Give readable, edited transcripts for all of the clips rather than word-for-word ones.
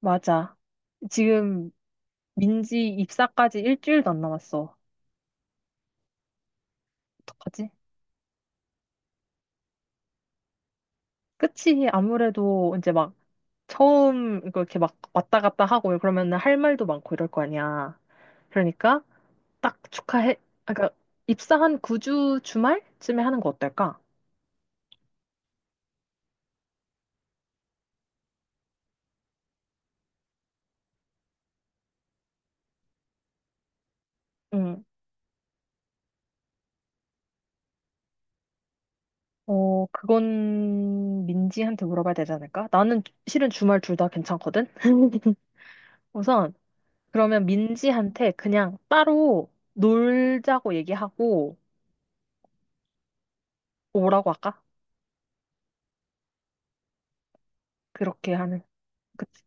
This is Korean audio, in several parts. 맞아. 지금 민지 입사까지 일주일도 안 남았어. 어떡하지? 끝이 아무래도 이제 막 처음 이거 이렇게 막 왔다 갔다 하고 그러면은 할 말도 많고 이럴 거 아니야. 그러니까 딱 축하해. 아, 그러니까 입사한 9주 주말쯤에 하는 거 어떨까? 응. 어, 그건 민지한테 물어봐야 되지 않을까? 나는 실은 주말 둘 다 괜찮거든? 우선 그러면 민지한테 그냥 따로 놀자고 얘기하고 오라고 할까? 그렇게 하는. 그치,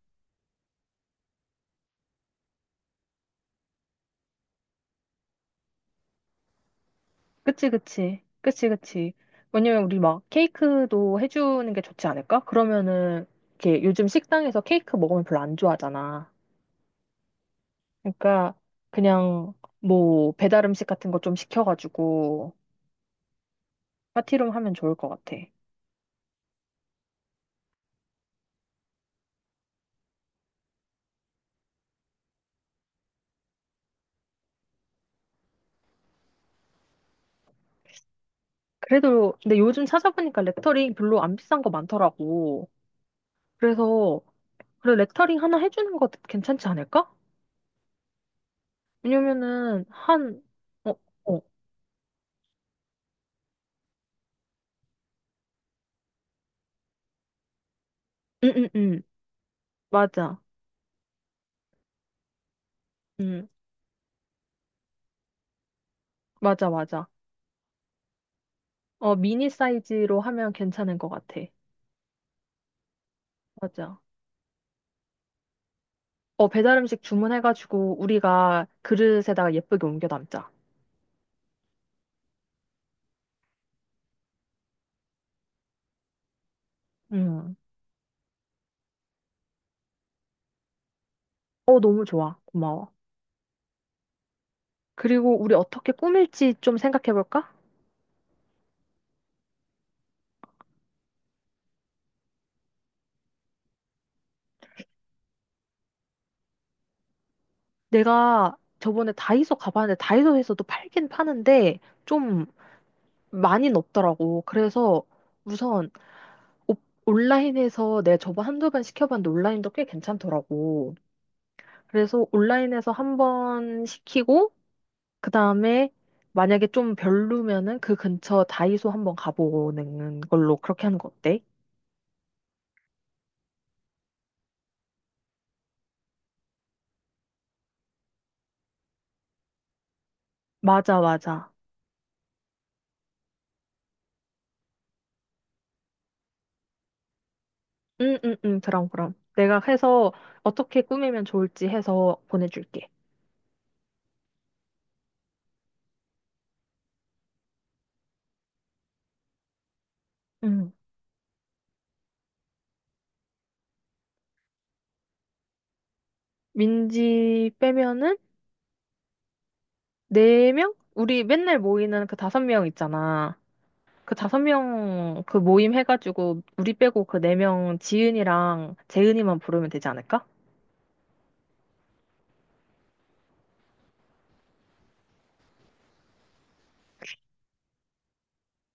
그치, 그치, 그치, 그치. 왜냐면 우리 막 케이크도 해주는 게 좋지 않을까? 그러면은 이렇게 요즘 식당에서 케이크 먹으면 별로 안 좋아하잖아. 그러니까 그냥 뭐 배달 음식 같은 거 좀 시켜가지고 파티룸 하면 좋을 것 같아. 그래도 근데 요즘 찾아보니까 레터링 별로 안 비싼 거 많더라고. 그래서 그래 레터링 하나 해주는 거 괜찮지 않을까? 왜냐면은 한 어, 어, 응, 응, 응, 맞아. 응. 맞아, 맞아. 어, 미니 사이즈로 하면 괜찮은 것 같아. 맞아. 어, 배달 음식 주문해가지고 우리가 그릇에다가 예쁘게 옮겨 담자. 음. 어, 너무 좋아. 고마워. 그리고 우리 어떻게 꾸밀지 좀 생각해볼까? 내가 저번에 다이소 가봤는데 다이소에서도 팔긴 파는데 좀 많이는 없더라고. 그래서 우선 옵- 온라인에서 내가 저번 한두 번 시켜봤는데 온라인도 꽤 괜찮더라고. 그래서 온라인에서 한 번 시키고 그다음에 만약에 좀 별로면은 그 근처 다이소 한번 가보는 걸로 그렇게 하는 거 어때? 맞아, 맞아. 응, 응, 응. 그럼, 그럼. 내가 해서 어떻게 꾸미면 좋을지 해서 보내줄게. 응. 민지 빼면은 네명 우리 맨날 모이는 그 다섯 명 있잖아. 그 다섯 명 그 모임 해가지고 우리 빼고 그 네 명 지은이랑 재은이만 부르면 되지 않을까?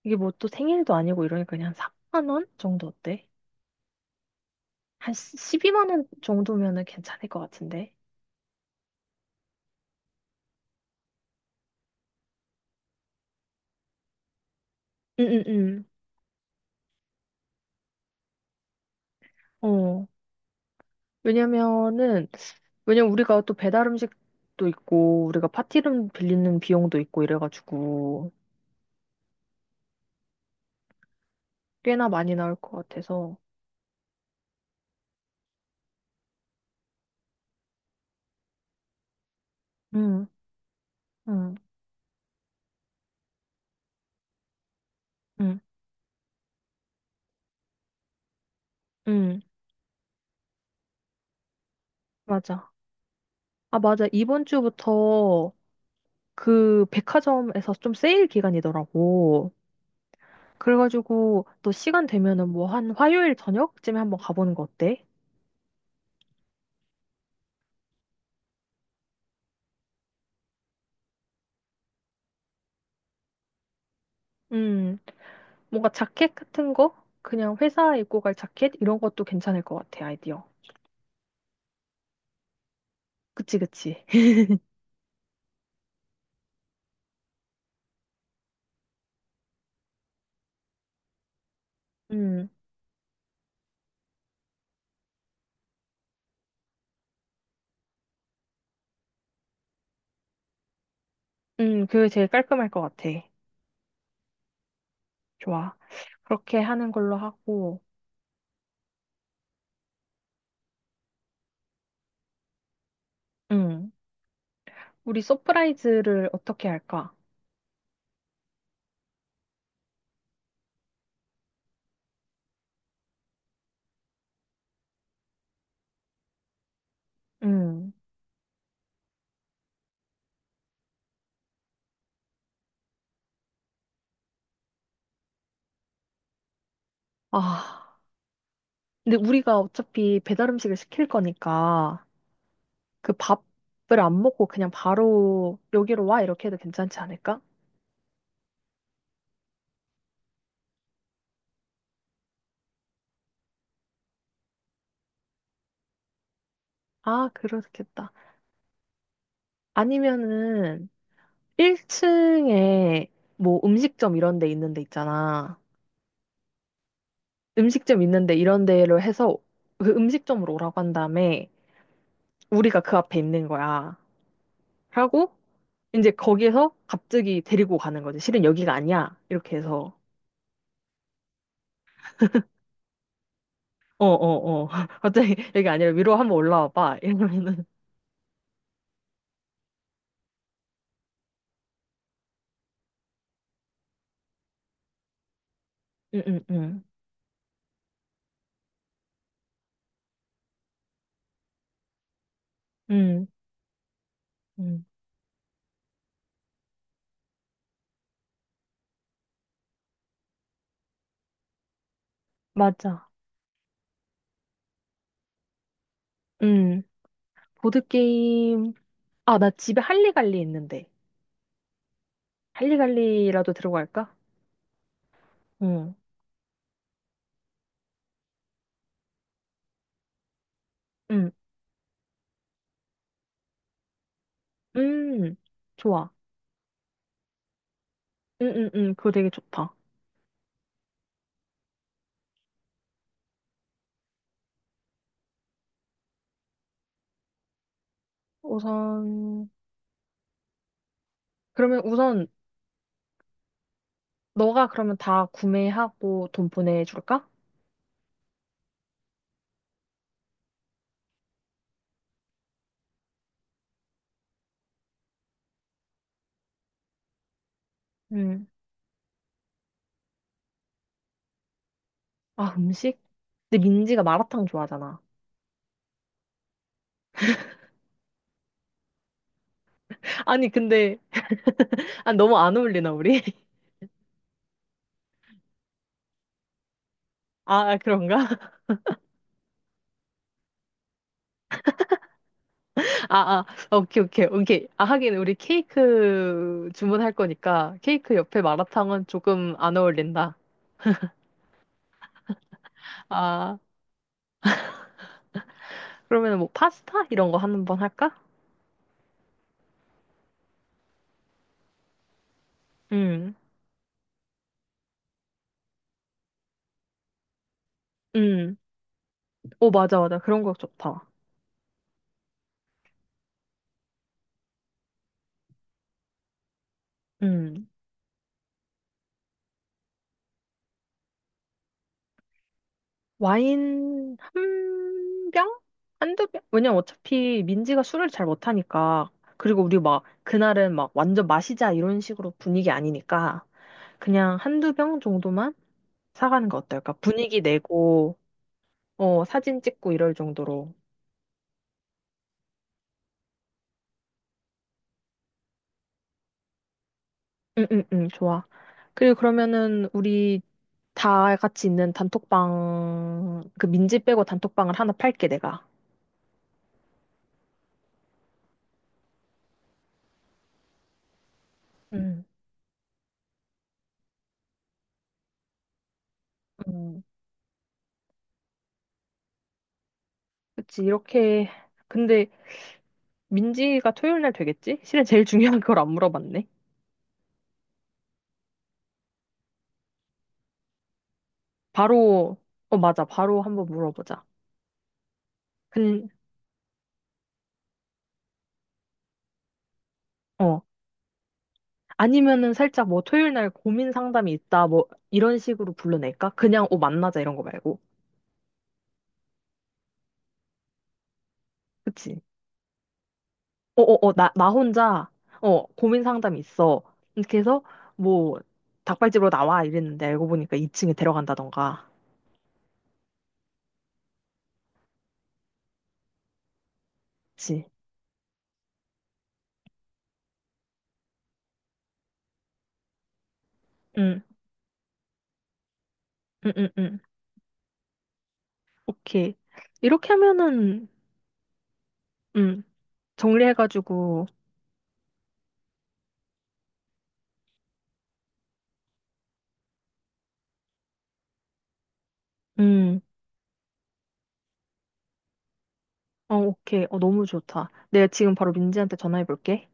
이게 뭐 또 생일도 아니고 이러니까 그냥 3만 원 정도 어때? 한 12만 원 정도면은 괜찮을 것 같은데. 응응응. 어. 왜냐면은 왜냐면 우리가 또 배달 음식도 있고 우리가 파티룸 빌리는 비용도 있고 이래가지고 꽤나 많이 나올 것 같아서. 응, 응, 응, 응. 맞아. 아, 맞아. 이번 주부터 그 백화점에서 좀 세일 기간이더라고. 그래가지고 또 시간 되면은 뭐 한 화요일 저녁쯤에 한번 가보는 거 어때? 음. 뭔가 자켓 같은 거? 그냥 회사에 입고 갈 자켓? 이런 것도 괜찮을 것 같아, 아이디어. 그치, 그치. 음, 그게 제일 깔끔할 것 같아. 좋아. 그렇게 하는 걸로 하고, 음, 우리 서프라이즈를 어떻게 할까? 음, 아, 근데 우리가 어차피 배달 음식을 시킬 거니까, 그 밥을 안 먹고 그냥 바로 여기로 와? 이렇게 해도 괜찮지 않을까? 아, 그렇겠다. 아니면은, 1층에 뭐 음식점 이런 데 있는 데 있잖아. 음식점 있는 데 이런 데로 해서 그 음식점으로 오라고 한 다음에 우리가 그 앞에 있는 거야. 하고 이제 거기에서 갑자기 데리고 가는 거지. 실은 여기가 아니야. 이렇게 해서 어, 어, 어. 갑자기 여기 아니라 위로 한번 올라와 봐. 이러면은 응, 응, 응. 응, 응. 맞아. 응. 보드게임. 아, 나 집에 할리갈리 있는데. 할리갈리라도 들어갈까? 응 응. 음, 좋아. 응응응 그거 되게 좋다. 우선, 그러면 우선, 너가 그러면 다 구매하고 돈 보내줄까? 응 아, 음식? 근데 민지가 마라탕 좋아하잖아. 아니, 근데, 아, 너무 안 어울리나, 우리? 아, 아, 그런가? 아, 아, 오케이, 오케이, 오케이. 아, 하긴, 우리 케이크 주문할 거니까, 케이크 옆에 마라탕은 조금 안 어울린다. 아, 그러면 뭐, 파스타? 이런 거 한 번 할까? 응 응 오, 맞아, 맞아. 그런 거 좋다. 응 와인 한 병? 한 두 병? 왜냐면 어차피 민지가 술을 잘 못하니까. 그리고 우리 막 그날은 막 완전 마시자 이런 식으로 분위기 아니니까 그냥 한 두 병 정도만 사가는 거 어떨까? 분위기 내고, 어, 사진 찍고 이럴 정도로. 응, 응, 응, 좋아. 그리고 그러면은 우리 다 같이 있는 단톡방, 그 민지 빼고 단톡방을 하나 팔게, 내가. 응, 응. 그치, 이렇게. 근데 민지가 토요일 날 되겠지? 실은 제일 중요한 걸 안 물어봤네. 바로, 어, 맞아. 바로 한번 물어보자. 근, 어. 아니면은 살짝 뭐 토요일 날 고민 상담이 있다, 뭐 이런 식으로 불러낼까? 그냥, 어, 만나자 이런 거 말고. 그치? 어, 어, 어, 나, 나 혼자, 어, 고민 상담이 있어. 이렇게 해서 뭐 닭발집으로 나와 이랬는데 알고 보니까 2층에 데려간다던가. 그치? 응, 응, 응, 응. 오케이. 이렇게 하면은, 응, 정리해가지고, 응 어, 오케이. 어, 너무 좋다. 내가 지금 바로 민지한테 전화해 볼게.